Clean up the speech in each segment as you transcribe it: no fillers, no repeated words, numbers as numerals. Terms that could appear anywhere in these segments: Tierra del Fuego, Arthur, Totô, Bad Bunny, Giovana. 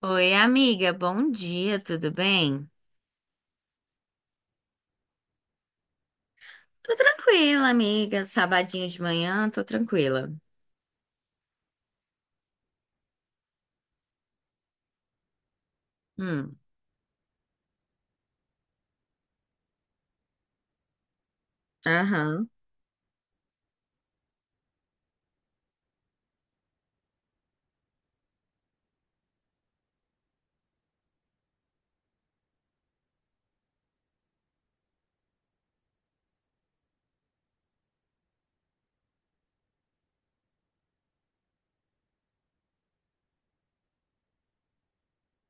Oi, amiga, bom dia, tudo bem? Tô tranquila, amiga. Sabadinho de manhã, tô tranquila. Hum, aham.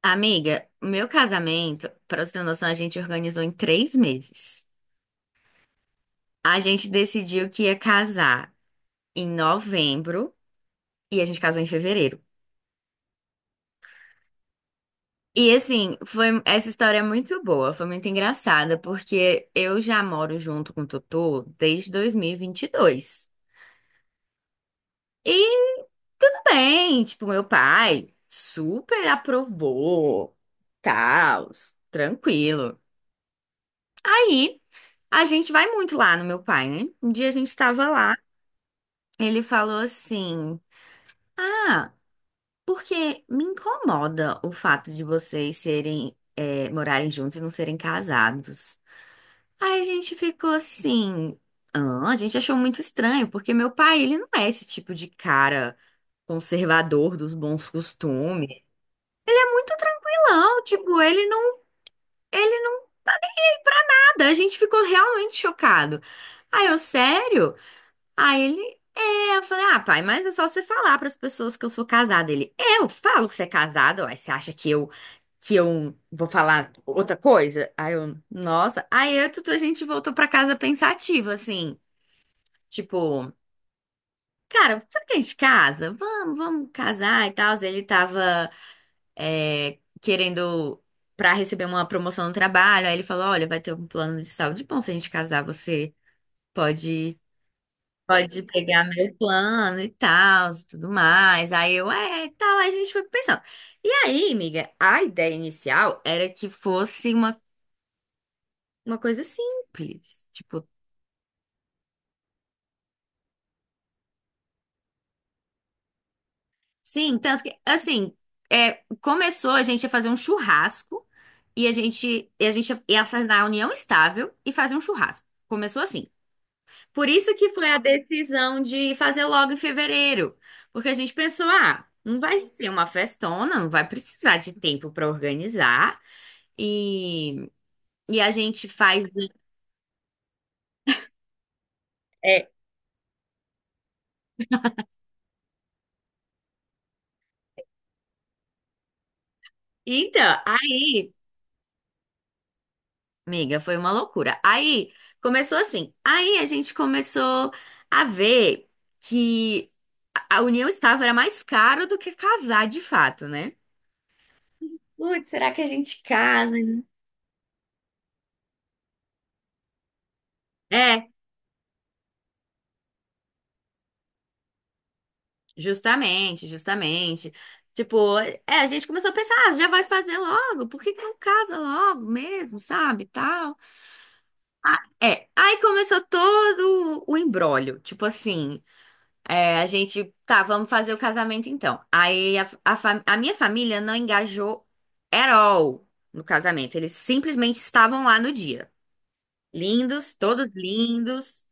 Amiga, o meu casamento, pra você ter noção, a gente organizou em 3 meses. A gente decidiu que ia casar em novembro e a gente casou em fevereiro. E assim, foi essa história, é muito boa, foi muito engraçada, porque eu já moro junto com o Totô desde 2022. Tudo bem, tipo, meu pai super aprovou, tal, tranquilo. Aí, a gente vai muito lá no meu pai, né? Um dia a gente tava lá, ele falou assim: ah, porque me incomoda o fato de vocês serem, morarem juntos e não serem casados. Aí a gente ficou assim. Ah, a gente achou muito estranho, porque meu pai, ele não é esse tipo de cara conservador dos bons costumes. Muito tranquilão, tipo, ele não tá nem pra nada. A gente ficou realmente chocado. Aí eu, sério? Aí ele, é, eu falei, ah, pai, mas é só você falar pras pessoas que eu sou casada. Ele, eu falo que você é casado? Aí você acha que eu vou falar outra coisa? Aí eu, nossa. Aí eu, e tudo, a gente voltou pra casa pensativo, assim, tipo, cara, será que a gente casa? Vamos casar e tal. Ele tava, é, querendo para receber uma promoção no trabalho. Aí ele falou: olha, vai ter um plano de saúde bom. Se a gente casar, você pode, pode pegar meu plano e tal, e tudo mais. Aí eu, é, e tal. Aí a gente foi pensando. E aí, amiga, a ideia inicial era que fosse uma coisa simples. Tipo, sim, tanto que, assim, começou a gente a fazer um churrasco. E a gente ia assinar a união estável e fazer um churrasco. Começou assim. Por isso que foi a decisão de fazer logo em fevereiro, porque a gente pensou, ah, não vai ser uma festona, não vai precisar de tempo para organizar e, e a gente faz. Um, é, então, aí, amiga, foi uma loucura. Aí começou assim. Aí a gente começou a ver que a união estava era mais caro do que casar de fato, né? Putz, será que a gente casa? Né? É. Justamente, justamente. Tipo, é, a gente começou a pensar, ah, já vai fazer logo, por que que não casa logo mesmo, sabe, tal. É, aí começou todo o imbróglio, tipo assim, é, a gente, tá, vamos fazer o casamento então. Aí a minha família não engajou at all no casamento, eles simplesmente estavam lá no dia. Lindos, todos lindos,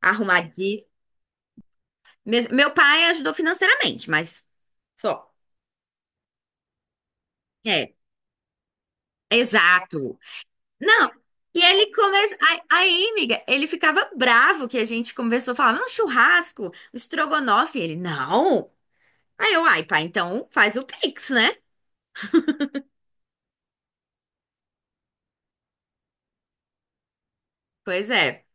arrumadinhos. Meu pai ajudou financeiramente, mas só. É, exato. Não. E ele começou. Amiga, ele ficava bravo que a gente conversou, falava, um churrasco, estrogonofe. Ele, não. Aí eu, ai, pá, então faz o Pix, né? Pois é,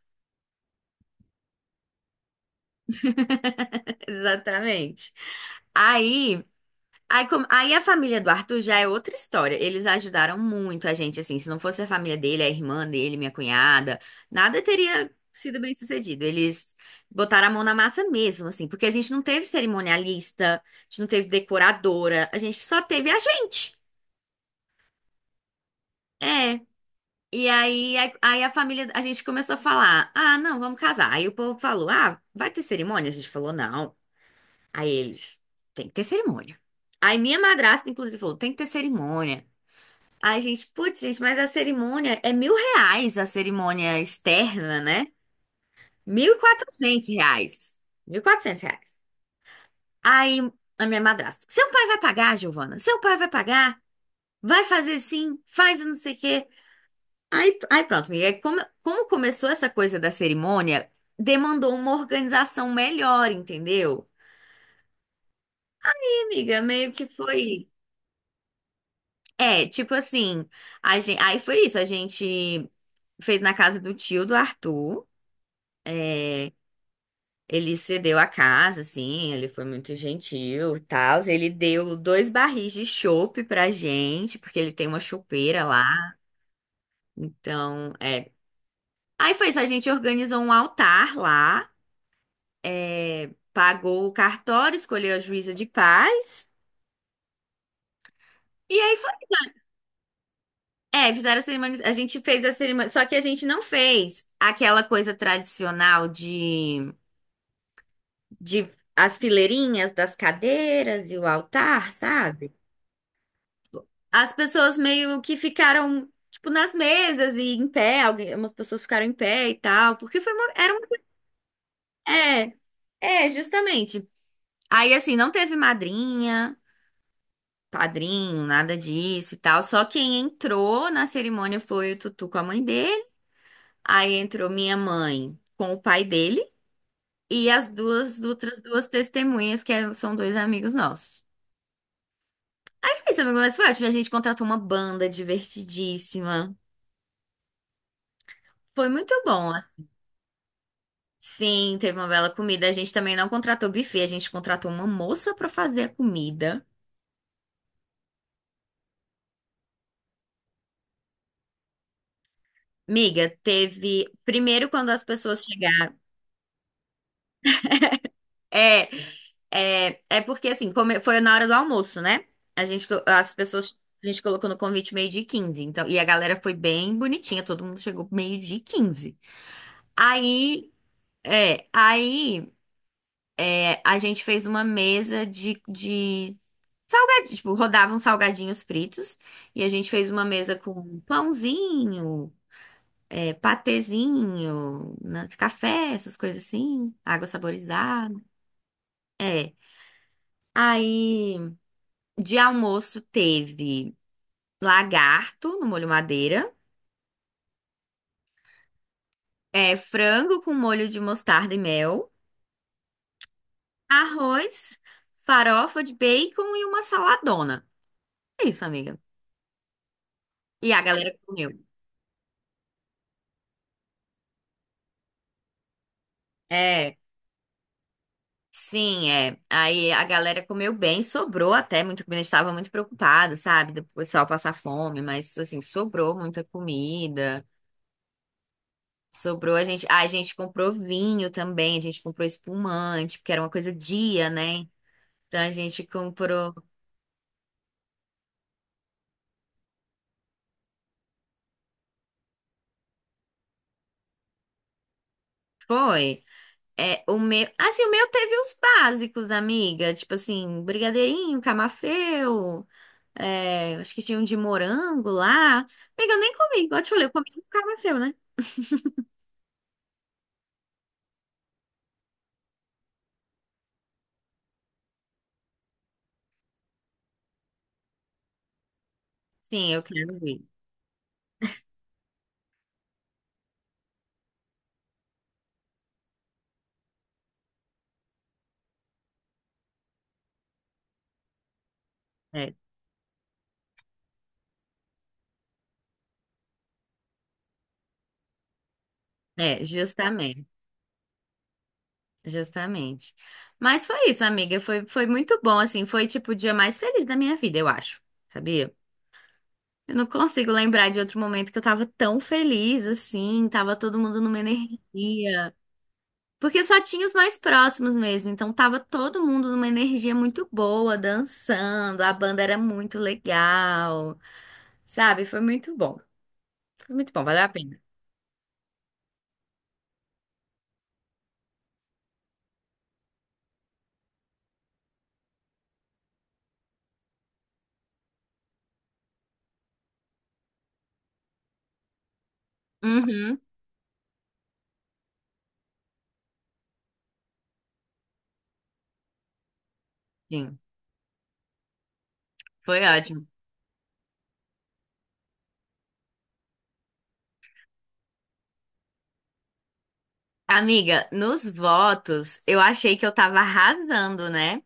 exatamente. Aí. Aí a família do Arthur já é outra história. Eles ajudaram muito a gente, assim. Se não fosse a família dele, a irmã dele, minha cunhada, nada teria sido bem sucedido. Eles botaram a mão na massa mesmo, assim, porque a gente não teve cerimonialista, a gente não teve decoradora, a gente só teve a gente. É. E aí, aí a família, a gente começou a falar: ah, não, vamos casar. Aí o povo falou: ah, vai ter cerimônia? A gente falou: não. Aí eles: tem que ter cerimônia. Aí minha madrasta, inclusive, falou: tem que ter cerimônia. Ai, gente, putz, gente, mas a cerimônia é 1.000 reais, a cerimônia externa, né? 1.400 reais. 1.400 reais. Aí a minha madrasta, seu pai vai pagar, Giovana? Seu pai vai pagar? Vai fazer sim, faz não sei o quê. Aí, aí pronto, amiga, como, como começou essa coisa da cerimônia, demandou uma organização melhor, entendeu? E, amiga, meio que foi. É, tipo assim, a gente, aí foi isso, a gente fez na casa do tio do Arthur. Ele cedeu a casa, assim, ele foi muito gentil e tal. Ele deu 2 barris de chopp pra gente, porque ele tem uma chopeira lá. Então, é. Aí foi isso, a gente organizou um altar lá, pagou o cartório, escolheu a juíza de paz. E aí foi. É, fizeram a cerimônia. A gente fez a cerimônia. Só que a gente não fez aquela coisa tradicional de as fileirinhas das cadeiras e o altar, sabe? As pessoas meio que ficaram, tipo, nas mesas e em pé, algumas pessoas ficaram em pé e tal, porque foi uma, era uma, é, justamente. Aí, assim, não teve madrinha, padrinho, nada disso e tal, só quem entrou na cerimônia foi o Tutu com a mãe dele, aí entrou minha mãe com o pai dele, e as duas outras duas testemunhas, são 2 amigos nossos. Mas foi isso, amigo, mas foi ótimo. A gente contratou uma banda divertidíssima. Foi muito bom. Sim, teve uma bela comida. A gente também não contratou buffet, a gente contratou uma moça pra fazer a comida. Miga, teve. Primeiro, quando as pessoas chegaram. É, é porque assim, foi na hora do almoço, né? As pessoas. A gente colocou no convite meio-dia e 15. Então, e a galera foi bem bonitinha, todo mundo chegou meio-dia e 15. Aí. É, aí a gente fez uma mesa de salgadinho, tipo, rodavam salgadinhos fritos e a gente fez uma mesa com pãozinho, patezinho, café, essas coisas assim, água saborizada. É. Aí, de almoço teve lagarto no molho madeira, frango com molho de mostarda e mel, arroz, farofa de bacon e uma saladona. É isso, amiga. E a galera comeu. É. Sim, é. Aí a galera comeu bem, sobrou até muita comida. A gente estava muito preocupado, sabe? Do pessoal passar fome, mas assim, sobrou muita comida. Sobrou a gente. Ah, a gente comprou vinho também, a gente comprou espumante, porque era uma coisa dia, né? Então a gente comprou. Foi. É, o meu. Assim, o meu teve os básicos, amiga. Tipo assim, brigadeirinho, camafeu. É, acho que tinha um de morango lá. Amiga, eu nem comi. Igual eu te falei, eu comi um camafeu, né? Sim, eu quero ver. É, justamente, justamente. Mas foi isso, amiga. Foi, foi muito bom, assim. Foi, tipo, o dia mais feliz da minha vida, eu acho. Sabia? Eu não consigo lembrar de outro momento que eu tava tão feliz, assim. Tava todo mundo numa energia. Porque só tinha os mais próximos mesmo. Então tava todo mundo numa energia muito boa, dançando. A banda era muito legal, sabe? Foi muito bom. Foi muito bom, valeu a pena. Uhum, sim. Foi ótimo. Amiga, nos votos, eu achei que eu tava arrasando, né?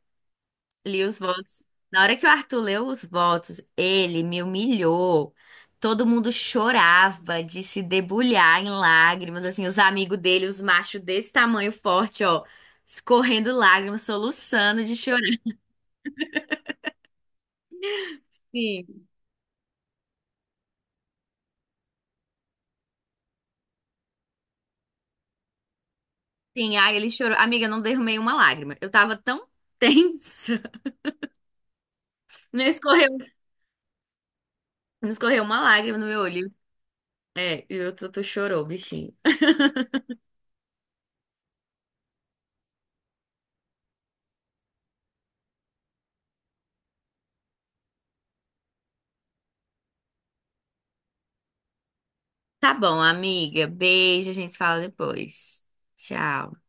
Li os votos. Na hora que o Arthur leu os votos, ele me humilhou. Todo mundo chorava de se debulhar em lágrimas, assim, os amigos dele, os machos desse tamanho forte, ó, escorrendo lágrimas, soluçando de chorar. Sim. Sim, ai, ele chorou. Amiga, eu não derramei uma lágrima. Eu tava tão tensa. Não escorreu, não escorreu uma lágrima no meu olho. É, e o Tutu chorou, bichinho. Tá bom, amiga. Beijo, a gente se fala depois. Tchau.